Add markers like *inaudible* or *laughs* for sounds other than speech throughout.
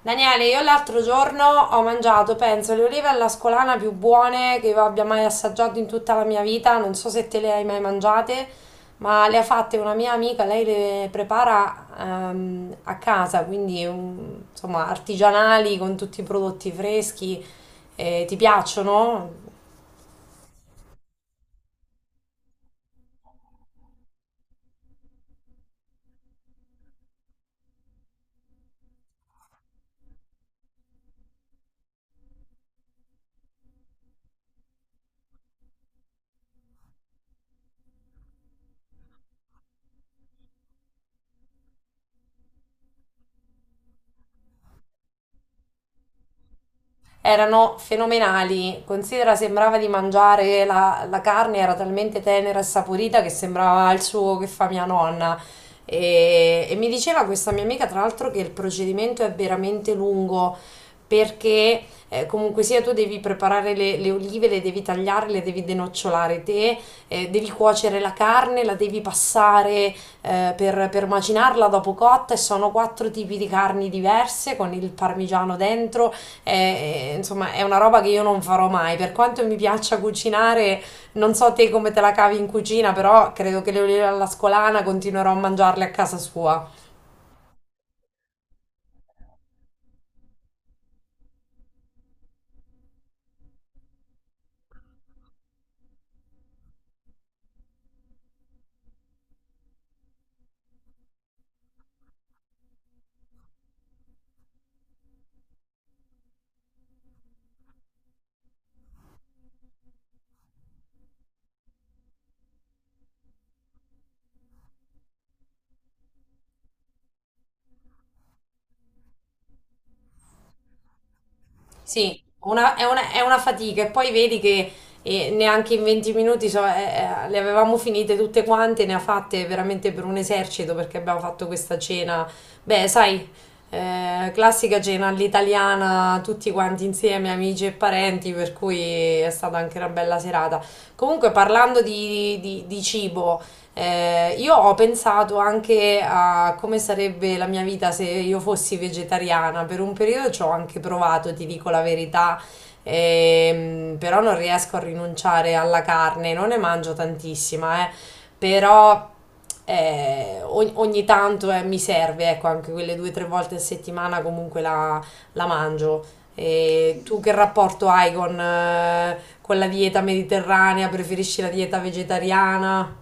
Daniele, io l'altro giorno ho mangiato, penso, le olive alla scolana più buone che io abbia mai assaggiato in tutta la mia vita. Non so se te le hai mai mangiate, ma le ha fatte una mia amica, lei le prepara a casa, quindi insomma artigianali con tutti i prodotti freschi. Ti piacciono? Erano fenomenali. Considera, sembrava di mangiare la carne, era talmente tenera e saporita che sembrava il suo che fa mia nonna. E mi diceva questa mia amica, tra l'altro, che il procedimento è veramente lungo perché comunque sia tu devi preparare le olive, le devi tagliare, le devi denocciolare te, devi cuocere la carne, la devi passare per macinarla dopo cotta e sono quattro tipi di carni diverse con il parmigiano dentro. È, insomma, è una roba che io non farò mai. Per quanto mi piaccia cucinare, non so te come te la cavi in cucina, però credo che le olive alla scolana continuerò a mangiarle a casa sua. Sì, è una fatica e poi vedi che neanche in 20 minuti so, le avevamo finite tutte quante, ne ha fatte veramente per un esercito perché abbiamo fatto questa cena, beh, sai, classica cena all'italiana, tutti quanti insieme, amici e parenti, per cui è stata anche una bella serata. Comunque parlando di cibo, io ho pensato anche a come sarebbe la mia vita se io fossi vegetariana. Per un periodo ci ho anche provato, ti dico la verità, però non riesco a rinunciare alla carne, non ne mangio tantissima, però ogni tanto mi serve, ecco, anche quelle due o tre volte a settimana comunque la mangio. E tu che rapporto hai con la dieta mediterranea? Preferisci la dieta vegetariana?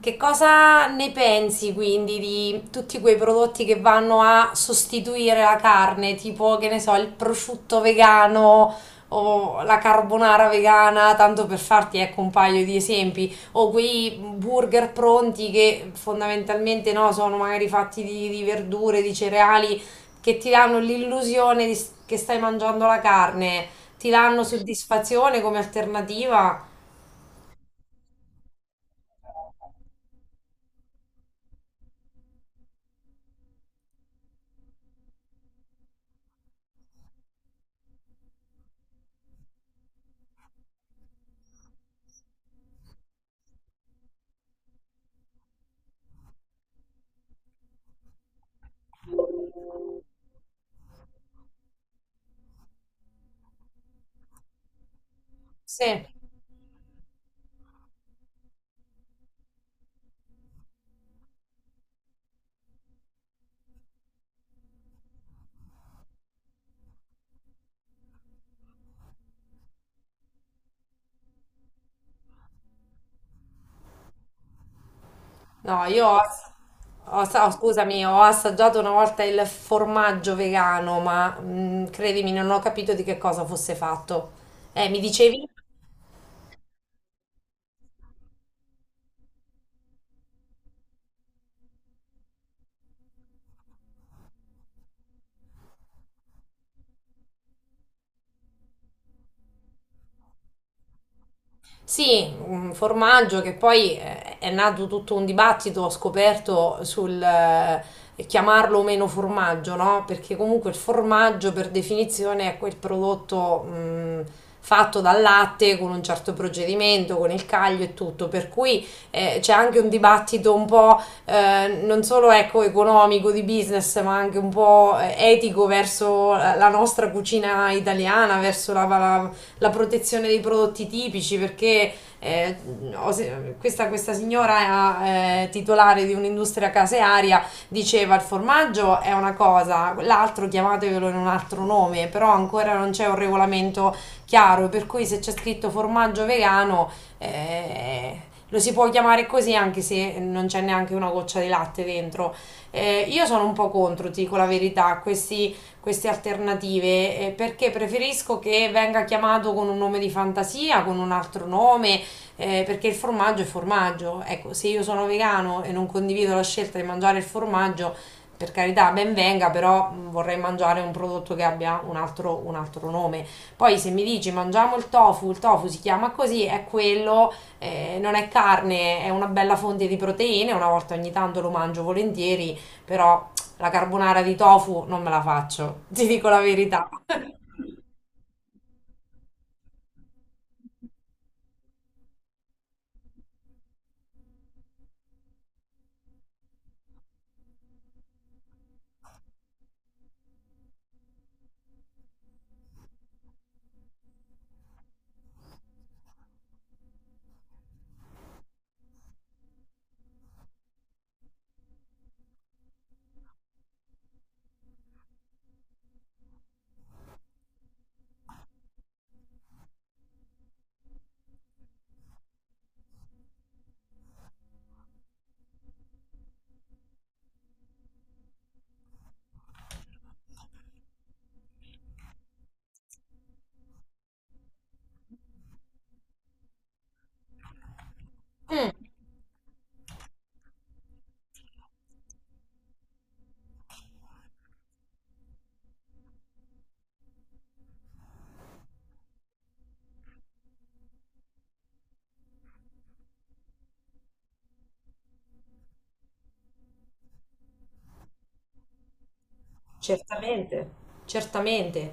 Che cosa ne pensi quindi di tutti quei prodotti che vanno a sostituire la carne, tipo che ne so, il prosciutto vegano o la carbonara vegana, tanto per farti ecco un paio di esempi, o quei burger pronti che fondamentalmente no, sono magari fatti di verdure, di cereali, che ti danno l'illusione che stai mangiando la carne, ti danno soddisfazione come alternativa? Sì. No, io ho ass- oh, scusami, ho assaggiato una volta il formaggio vegano, ma credimi, non ho capito di che cosa fosse fatto. Mi dicevi? Sì, un formaggio che poi è nato tutto un dibattito, ho scoperto sul chiamarlo o meno formaggio, no? Perché comunque il formaggio per definizione è quel prodotto fatto dal latte con un certo procedimento, con il caglio e tutto, per cui c'è anche un dibattito un po' non solo ecco, economico di business, ma anche un po' etico verso la nostra cucina italiana, verso la protezione dei prodotti tipici perché eh, ho se- questa signora titolare di un'industria casearia diceva il formaggio è una cosa, l'altro chiamatevelo in un altro nome, però ancora non c'è un regolamento chiaro, per cui se c'è scritto formaggio vegano eh, lo si può chiamare così anche se non c'è neanche una goccia di latte dentro. Io sono un po' contro, ti dico la verità, questi queste alternative perché preferisco che venga chiamato con un nome di fantasia, con un altro nome, perché il formaggio è formaggio. Ecco, se io sono vegano e non condivido la scelta di mangiare il formaggio, per carità, ben venga, però vorrei mangiare un prodotto che abbia un altro nome. Poi se mi dici mangiamo il tofu si chiama così, è quello, non è carne, è una bella fonte di proteine, una volta ogni tanto lo mangio volentieri, però la carbonara di tofu non me la faccio, ti dico la verità. Mm. Certamente, certamente.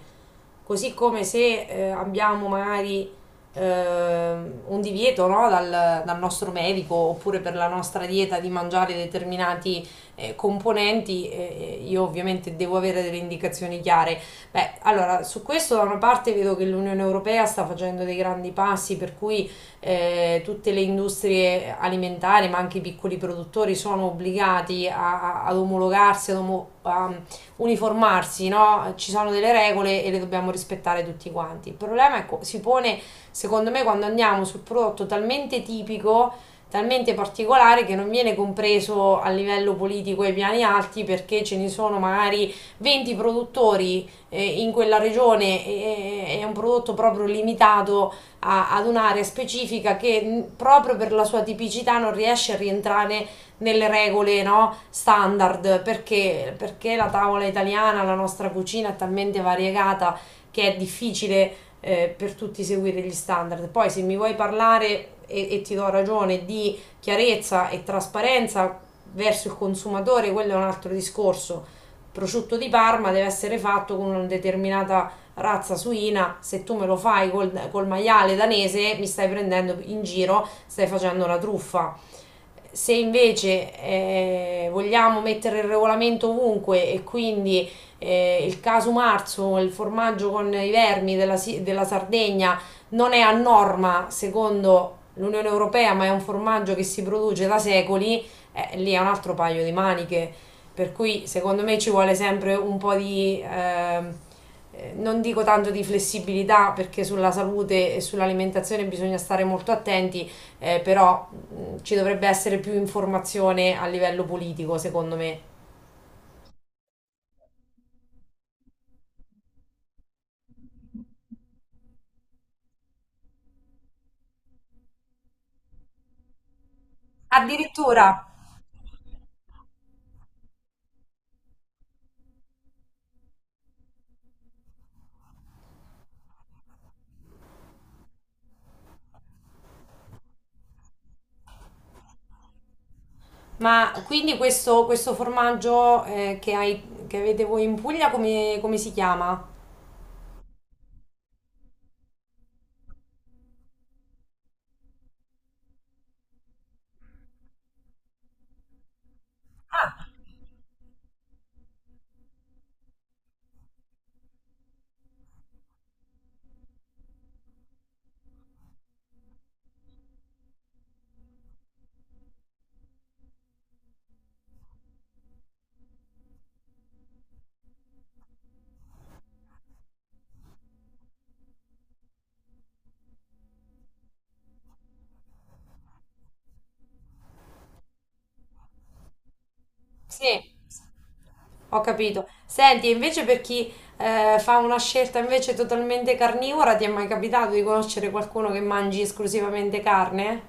Così come se abbiamo magari un divieto, no, dal nostro medico oppure per la nostra dieta di mangiare determinati componenti, io ovviamente devo avere delle indicazioni chiare. Beh, allora, su questo da una parte vedo che l'Unione Europea sta facendo dei grandi passi, per cui tutte le industrie alimentari, ma anche i piccoli produttori, sono obbligati ad omologarsi, uniformarsi, no? Ci sono delle regole e le dobbiamo rispettare tutti quanti. Il problema si pone, secondo me, quando andiamo sul prodotto talmente tipico, talmente particolare che non viene compreso a livello politico ai piani alti perché ce ne sono magari 20 produttori in quella regione è un prodotto proprio limitato ad un'area specifica che proprio per la sua tipicità non riesce a rientrare nelle regole, no, standard perché la tavola italiana, la nostra cucina è talmente variegata che è difficile per tutti seguire gli standard. Poi se mi vuoi parlare e ti do ragione di chiarezza e trasparenza verso il consumatore, quello è un altro discorso. Prosciutto di Parma deve essere fatto con una determinata razza suina, se tu me lo fai col maiale danese mi stai prendendo in giro, stai facendo una truffa. Se invece vogliamo mettere il regolamento ovunque e quindi il caso marzo, il formaggio con i vermi della Sardegna non è a norma secondo l'Unione Europea, ma è un formaggio che si produce da secoli, lì è un altro paio di maniche. Per cui secondo me ci vuole sempre un po' di, non dico tanto di flessibilità, perché sulla salute e sull'alimentazione bisogna stare molto attenti, però ci dovrebbe essere più informazione a livello politico, secondo me. Addirittura, ma quindi questo formaggio che hai, che avete voi in Puglia, come si chiama? Sì, ho capito. Senti, e invece per chi fa una scelta invece totalmente carnivora, ti è mai capitato di conoscere qualcuno che mangi esclusivamente carne?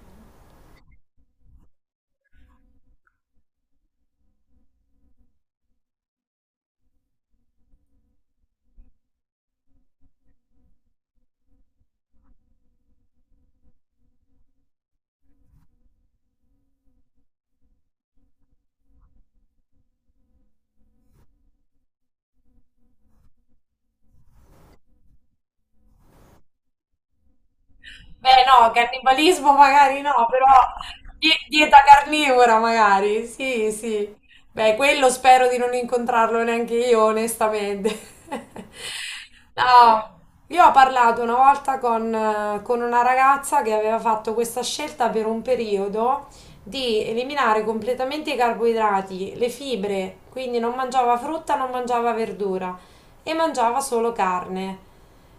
Beh, no, cannibalismo magari no, però dieta carnivora magari, sì, sì. Beh, quello spero di non incontrarlo neanche io, onestamente. *laughs* No, io ho parlato una volta con una ragazza che aveva fatto questa scelta per un periodo di eliminare completamente i carboidrati, le fibre, quindi non mangiava frutta, non mangiava verdura e mangiava solo carne.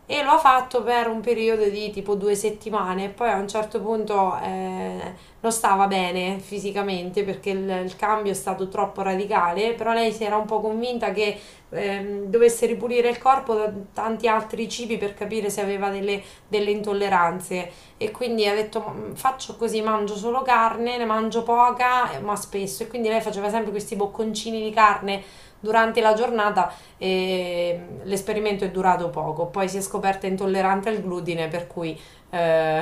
E lo ha fatto per un periodo di tipo 2 settimane, poi a un certo punto non stava bene fisicamente perché il cambio è stato troppo radicale, però lei si era un po' convinta che dovesse ripulire il corpo da tanti altri cibi per capire se aveva delle intolleranze e quindi ha detto Faccio così, mangio solo carne, ne mangio poca ma spesso e quindi lei faceva sempre questi bocconcini di carne durante la giornata e l'esperimento è durato poco, poi si è scoperta intollerante al glutine per cui eh, *laughs*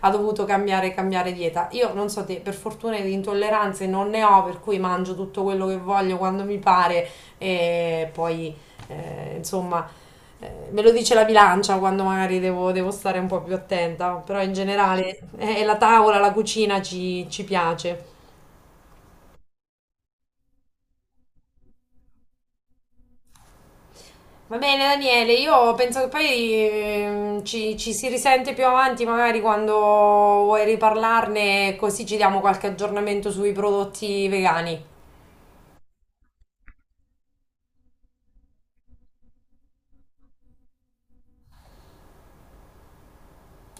ha dovuto cambiare dieta. Io non so te, per fortuna di intolleranze non ne ho, per cui mangio tutto quello che voglio quando mi pare e poi insomma me lo dice la bilancia quando magari devo stare un po' più attenta, però in generale la tavola, la cucina ci piace. Va bene Daniele, io penso che poi ci si risente più avanti, magari quando vuoi riparlarne, così ci diamo qualche aggiornamento sui prodotti vegani.